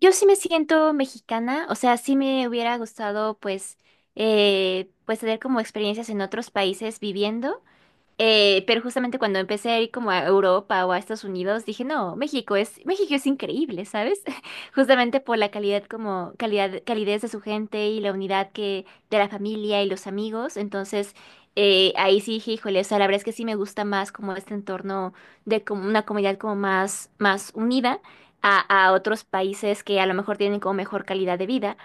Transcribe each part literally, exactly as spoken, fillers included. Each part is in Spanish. Yo sí me siento mexicana, o sea, sí me hubiera gustado pues, eh, pues tener como experiencias en otros países viviendo. Eh, pero justamente cuando empecé a ir como a Europa o a Estados Unidos, dije, no, México es, México es increíble, ¿sabes? Justamente por la calidad como, calidad, calidez de su gente y la unidad que, de la familia y los amigos. Entonces, eh, ahí sí dije, híjole, o sea, la verdad es que sí me gusta más como este entorno de como una comunidad como más, más unida a, a otros países que a lo mejor tienen como mejor calidad de vida,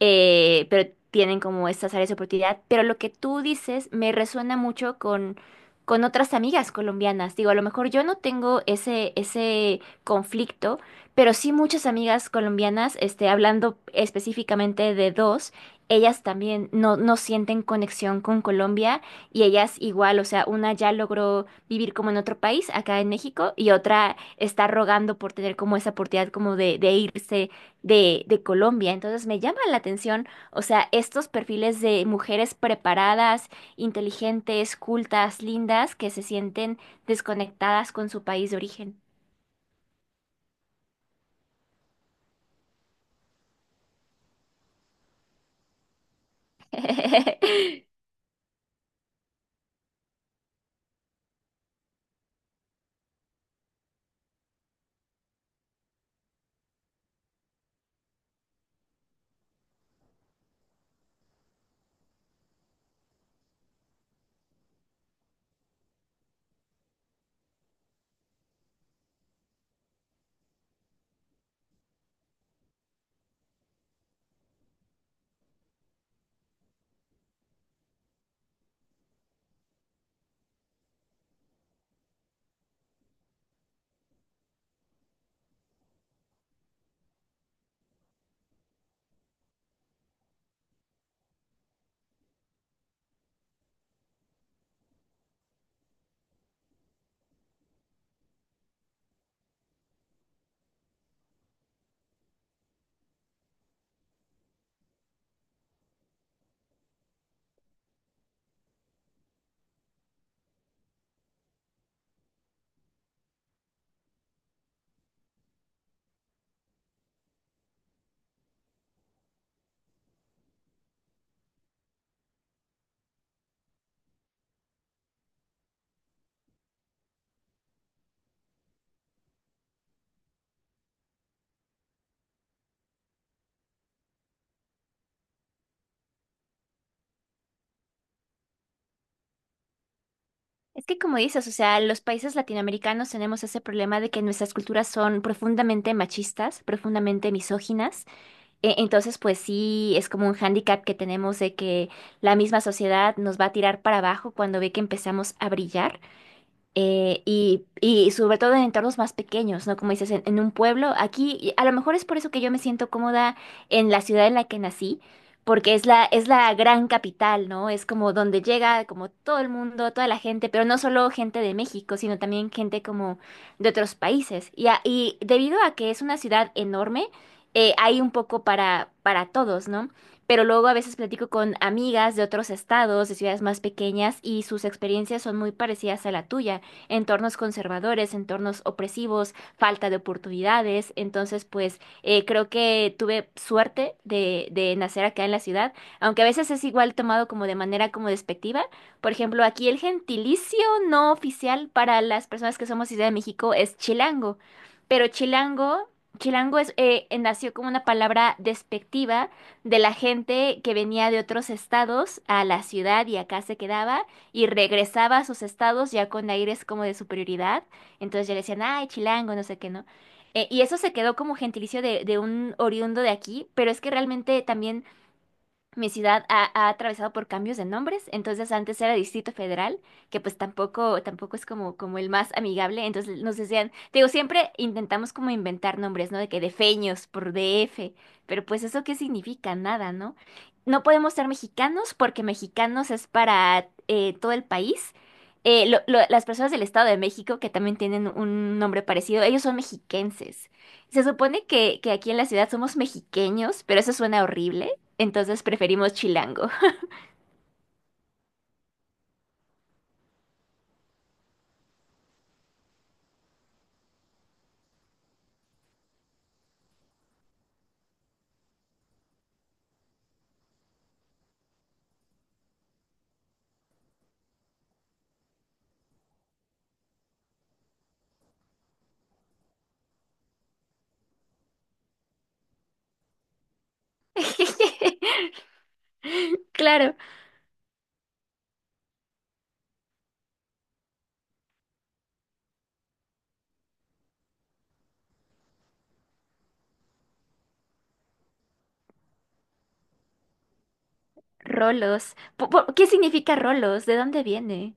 eh, pero tienen como estas áreas de oportunidad. Pero lo que tú dices me resuena mucho con, con otras amigas colombianas. Digo, a lo mejor yo no tengo ese, ese conflicto, pero sí muchas amigas colombianas, este, hablando específicamente de dos, ellas también no, no sienten conexión con Colombia, y ellas igual, o sea, una ya logró vivir como en otro país, acá en México, y otra está rogando por tener como esa oportunidad como de, de irse de, de Colombia. Entonces me llama la atención, o sea, estos perfiles de mujeres preparadas, inteligentes, cultas, lindas, que se sienten desconectadas con su país de origen. Es que como dices, o sea, los países latinoamericanos tenemos ese problema de que nuestras culturas son profundamente machistas, profundamente misóginas. E- Entonces, pues sí, es como un hándicap que tenemos de que la misma sociedad nos va a tirar para abajo cuando ve que empezamos a brillar. eh, y, y sobre todo en entornos más pequeños, ¿no? Como dices, en, en un pueblo, aquí, y a lo mejor es por eso que yo me siento cómoda en la ciudad en la que nací, porque es la, es la gran capital, ¿no? Es como donde llega como todo el mundo, toda la gente, pero no solo gente de México, sino también gente como de otros países. Y, a- y debido a que es una ciudad enorme, eh, hay un poco para, para todos, ¿no? Pero luego a veces platico con amigas de otros estados, de ciudades más pequeñas, y sus experiencias son muy parecidas a la tuya: entornos conservadores, entornos opresivos, falta de oportunidades. Entonces, pues eh, creo que tuve suerte de, de nacer acá en la ciudad, aunque a veces es igual tomado como de manera como despectiva. Por ejemplo, aquí el gentilicio no oficial para las personas que somos Ciudad de México es chilango, pero chilango... chilango es, eh, eh, nació como una palabra despectiva de la gente que venía de otros estados a la ciudad y acá se quedaba y regresaba a sus estados ya con aires como de superioridad. Entonces ya le decían, ay, chilango, no sé qué, ¿no? Eh, y eso se quedó como gentilicio de, de un oriundo de aquí, pero es que realmente también mi ciudad ha, ha atravesado por cambios de nombres. Entonces antes era Distrito Federal, que pues tampoco, tampoco es como como el más amigable. Entonces nos decían, te digo, siempre intentamos como inventar nombres, ¿no? De que de Feños por d f, pero pues eso qué significa, nada, ¿no? No podemos ser mexicanos porque mexicanos es para, eh, todo el país. Eh, lo- lo- las personas del Estado de México, que también tienen un nombre parecido, ellos son mexiquenses. Se supone que, que aquí en la ciudad somos mexiqueños, pero eso suena horrible. Entonces preferimos chilango. Claro. Rolos. Po- po- ¿Qué significa rolos? ¿De dónde viene?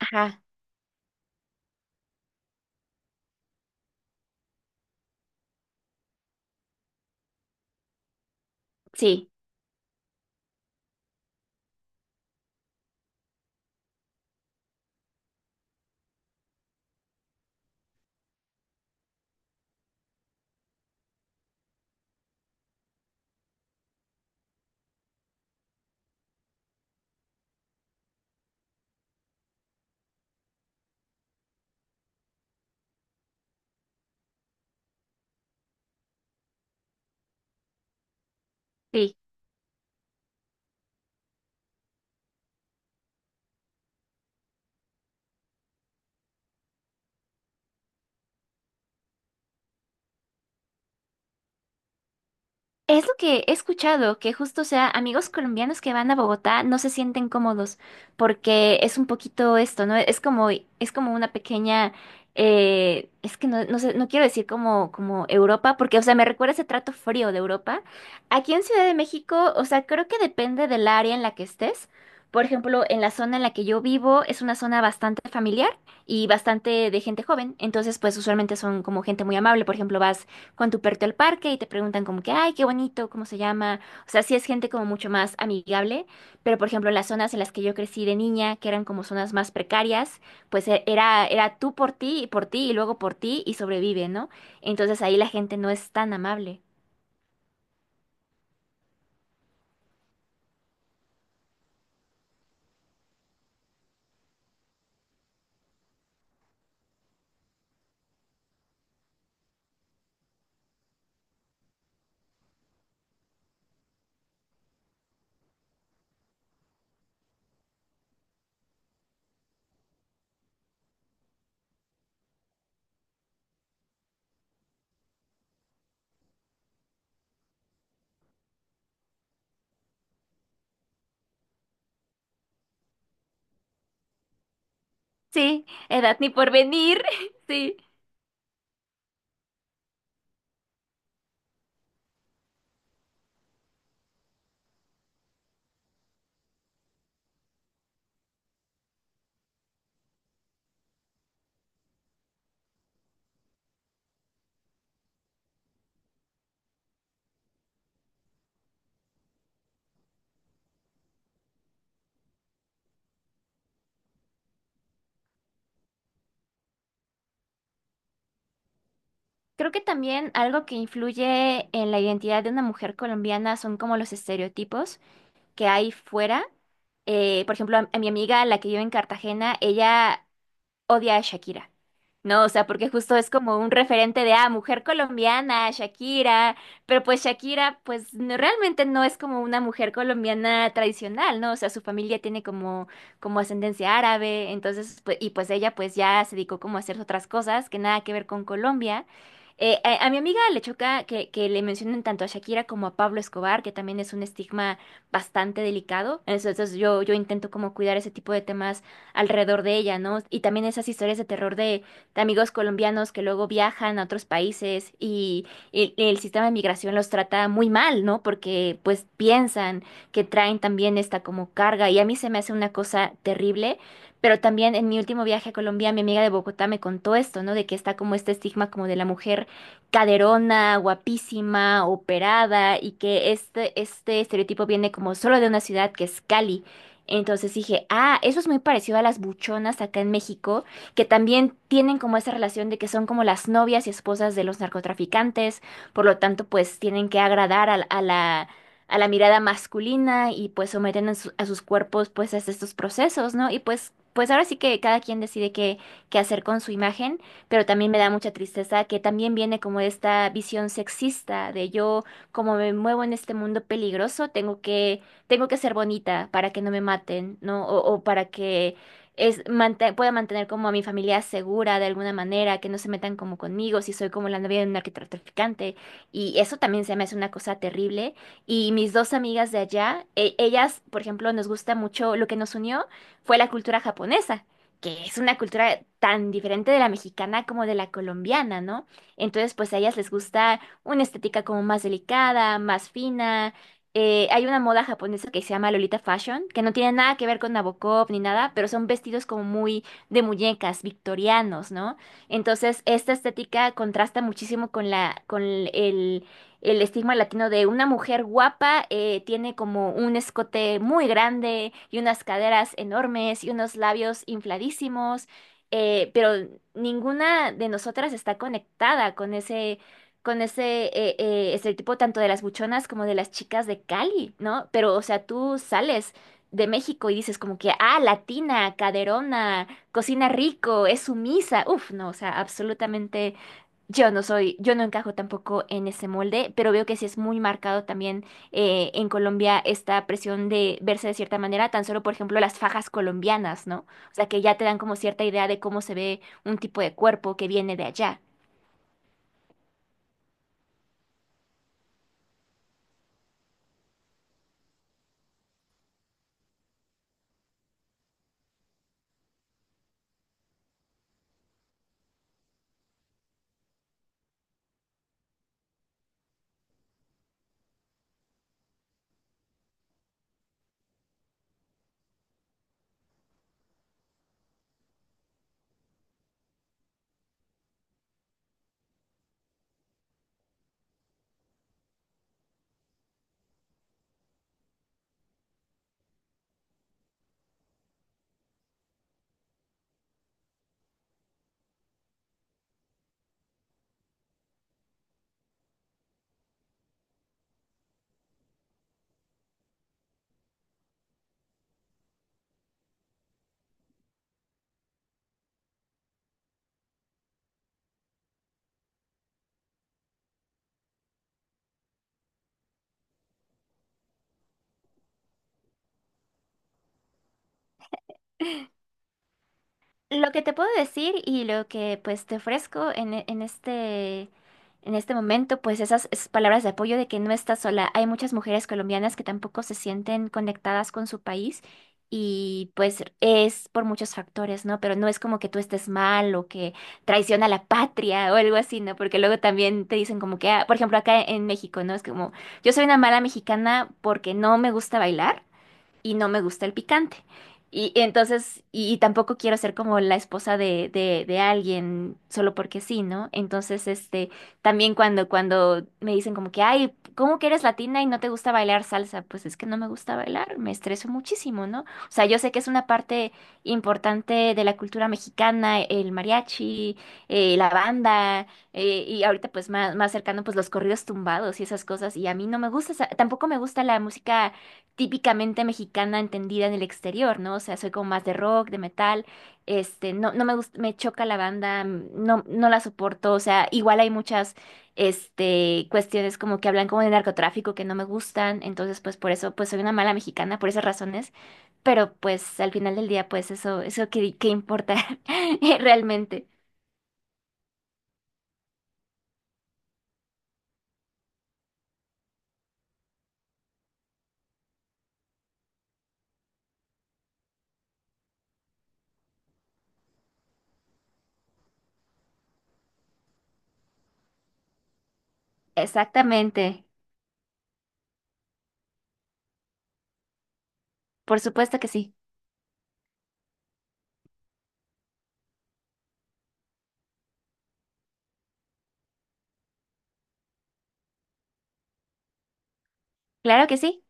Ajá, sí, sí. Es lo que he escuchado, que justo, o sea, amigos colombianos que van a Bogotá no se sienten cómodos porque es un poquito esto, ¿no? Es como, es como una pequeña, eh, es que no, no sé, no quiero decir como, como Europa, porque, o sea, me recuerda ese trato frío de Europa. Aquí en Ciudad de México, o sea, creo que depende del área en la que estés. Por ejemplo, en la zona en la que yo vivo es una zona bastante familiar y bastante de gente joven, entonces pues usualmente son como gente muy amable. Por ejemplo, vas con tu perrito al parque y te preguntan como que, ay, qué bonito, cómo se llama. O sea, sí es gente como mucho más amigable, pero por ejemplo, en las zonas en las que yo crecí de niña, que eran como zonas más precarias, pues e- era, era tú por ti y por ti y luego por ti y sobrevive, ¿no? Entonces ahí la gente no es tan amable. Sí, edad ni por venir. Sí. Creo que también algo que influye en la identidad de una mujer colombiana son como los estereotipos que hay fuera. Eh, por ejemplo, a, a mi amiga, la que vive en Cartagena, ella odia a Shakira. No, o sea, porque justo es como un referente de, ah, mujer colombiana, Shakira, pero pues Shakira, pues no- realmente no es como una mujer colombiana tradicional, ¿no? O sea, su familia tiene como, como ascendencia árabe, entonces, pues, y pues ella pues ya se dedicó como a hacer otras cosas que nada que ver con Colombia. Eh, a, a mi amiga le choca que, que le mencionen tanto a Shakira como a Pablo Escobar, que también es un estigma bastante delicado. Entonces, yo, yo intento como cuidar ese tipo de temas alrededor de ella, ¿no? Y también esas historias de terror de, de amigos colombianos que luego viajan a otros países y, y- y el sistema de migración los trata muy mal, ¿no? Porque pues piensan que traen también esta como carga y a mí se me hace una cosa terrible. Pero también en mi último viaje a Colombia, mi amiga de Bogotá me contó esto, ¿no? De que está como este estigma como de la mujer caderona, guapísima, operada, y que este, este estereotipo viene como solo de una ciudad que es Cali. Entonces dije, ah, eso es muy parecido a las buchonas acá en México, que también tienen como esa relación de que son como las novias y esposas de los narcotraficantes, por lo tanto, pues tienen que agradar a, la, a la a la mirada masculina, y pues someten a, su- a sus cuerpos pues a estos procesos, ¿no? Y pues, pues ahora sí que cada quien decide qué, qué hacer con su imagen, pero también me da mucha tristeza que también viene como esta visión sexista de yo, como me muevo en este mundo peligroso, tengo que tengo que ser bonita para que no me maten, ¿no? O, o para que es, mante- pueda mantener como a mi familia segura de alguna manera, que no se metan como conmigo, si soy como la novia de un narcotraficante. Y eso también se me hace una cosa terrible. Y mis dos amigas de allá, e- ellas, por ejemplo, nos gusta mucho, lo que nos unió fue la cultura japonesa, que es una cultura tan diferente de la mexicana como de la colombiana, ¿no? Entonces, pues a ellas les gusta una estética como más delicada, más fina. Eh, hay una moda japonesa que se llama Lolita Fashion, que no tiene nada que ver con Nabokov ni nada, pero son vestidos como muy de muñecas, victorianos, ¿no? Entonces, esta estética contrasta muchísimo con la, con el, el estigma latino de una mujer guapa. Eh, tiene como un escote muy grande y unas caderas enormes y unos labios infladísimos, eh, pero ninguna de nosotras está conectada con ese con ese eh, eh, estereotipo, tanto de las buchonas como de las chicas de Cali, ¿no? Pero, o sea, tú sales de México y dices como que, ah, latina, caderona, cocina rico, es sumisa. Uf, no, o sea, absolutamente yo no soy, yo no encajo tampoco en ese molde, pero veo que sí es muy marcado también, eh, en Colombia, esta presión de verse de cierta manera, tan solo, por ejemplo, las fajas colombianas, ¿no? O sea, que ya te dan como cierta idea de cómo se ve un tipo de cuerpo que viene de allá. Lo que te puedo decir y lo que pues te ofrezco en, e- en este, en este momento, pues esas, esas palabras de apoyo de que no estás sola. Hay muchas mujeres colombianas que tampoco se sienten conectadas con su país, y pues es por muchos factores, ¿no? Pero no es como que tú estés mal o que traiciona a la patria o algo así, ¿no? Porque luego también te dicen como que, ah, por ejemplo, acá en México, ¿no? Es como, yo soy una mala mexicana porque no me gusta bailar y no me gusta el picante. Y entonces, y, y tampoco quiero ser como la esposa de, de, de alguien solo porque sí, ¿no? Entonces, este, también cuando, cuando me dicen como que, ay, ¿cómo que eres latina y no te gusta bailar salsa? Pues es que no me gusta bailar, me estreso muchísimo, ¿no? O sea, yo sé que es una parte importante de la cultura mexicana, el mariachi, eh, la banda, eh, y ahorita pues más, más cercano pues los corridos tumbados y esas cosas, y a mí no me gusta. Esa- tampoco me gusta la música típicamente mexicana entendida en el exterior, ¿no? O sea, soy como más de rock, de metal, este, no, no me gusta, me choca la banda, mm, no, no la soporto, o sea, igual hay muchas, este, cuestiones como que hablan como de narcotráfico que no me gustan. Entonces pues por eso, pues soy una mala mexicana, por esas razones, pero pues al final del día, pues eso, eso qué, qué importa realmente. Exactamente, por supuesto que sí, claro que sí.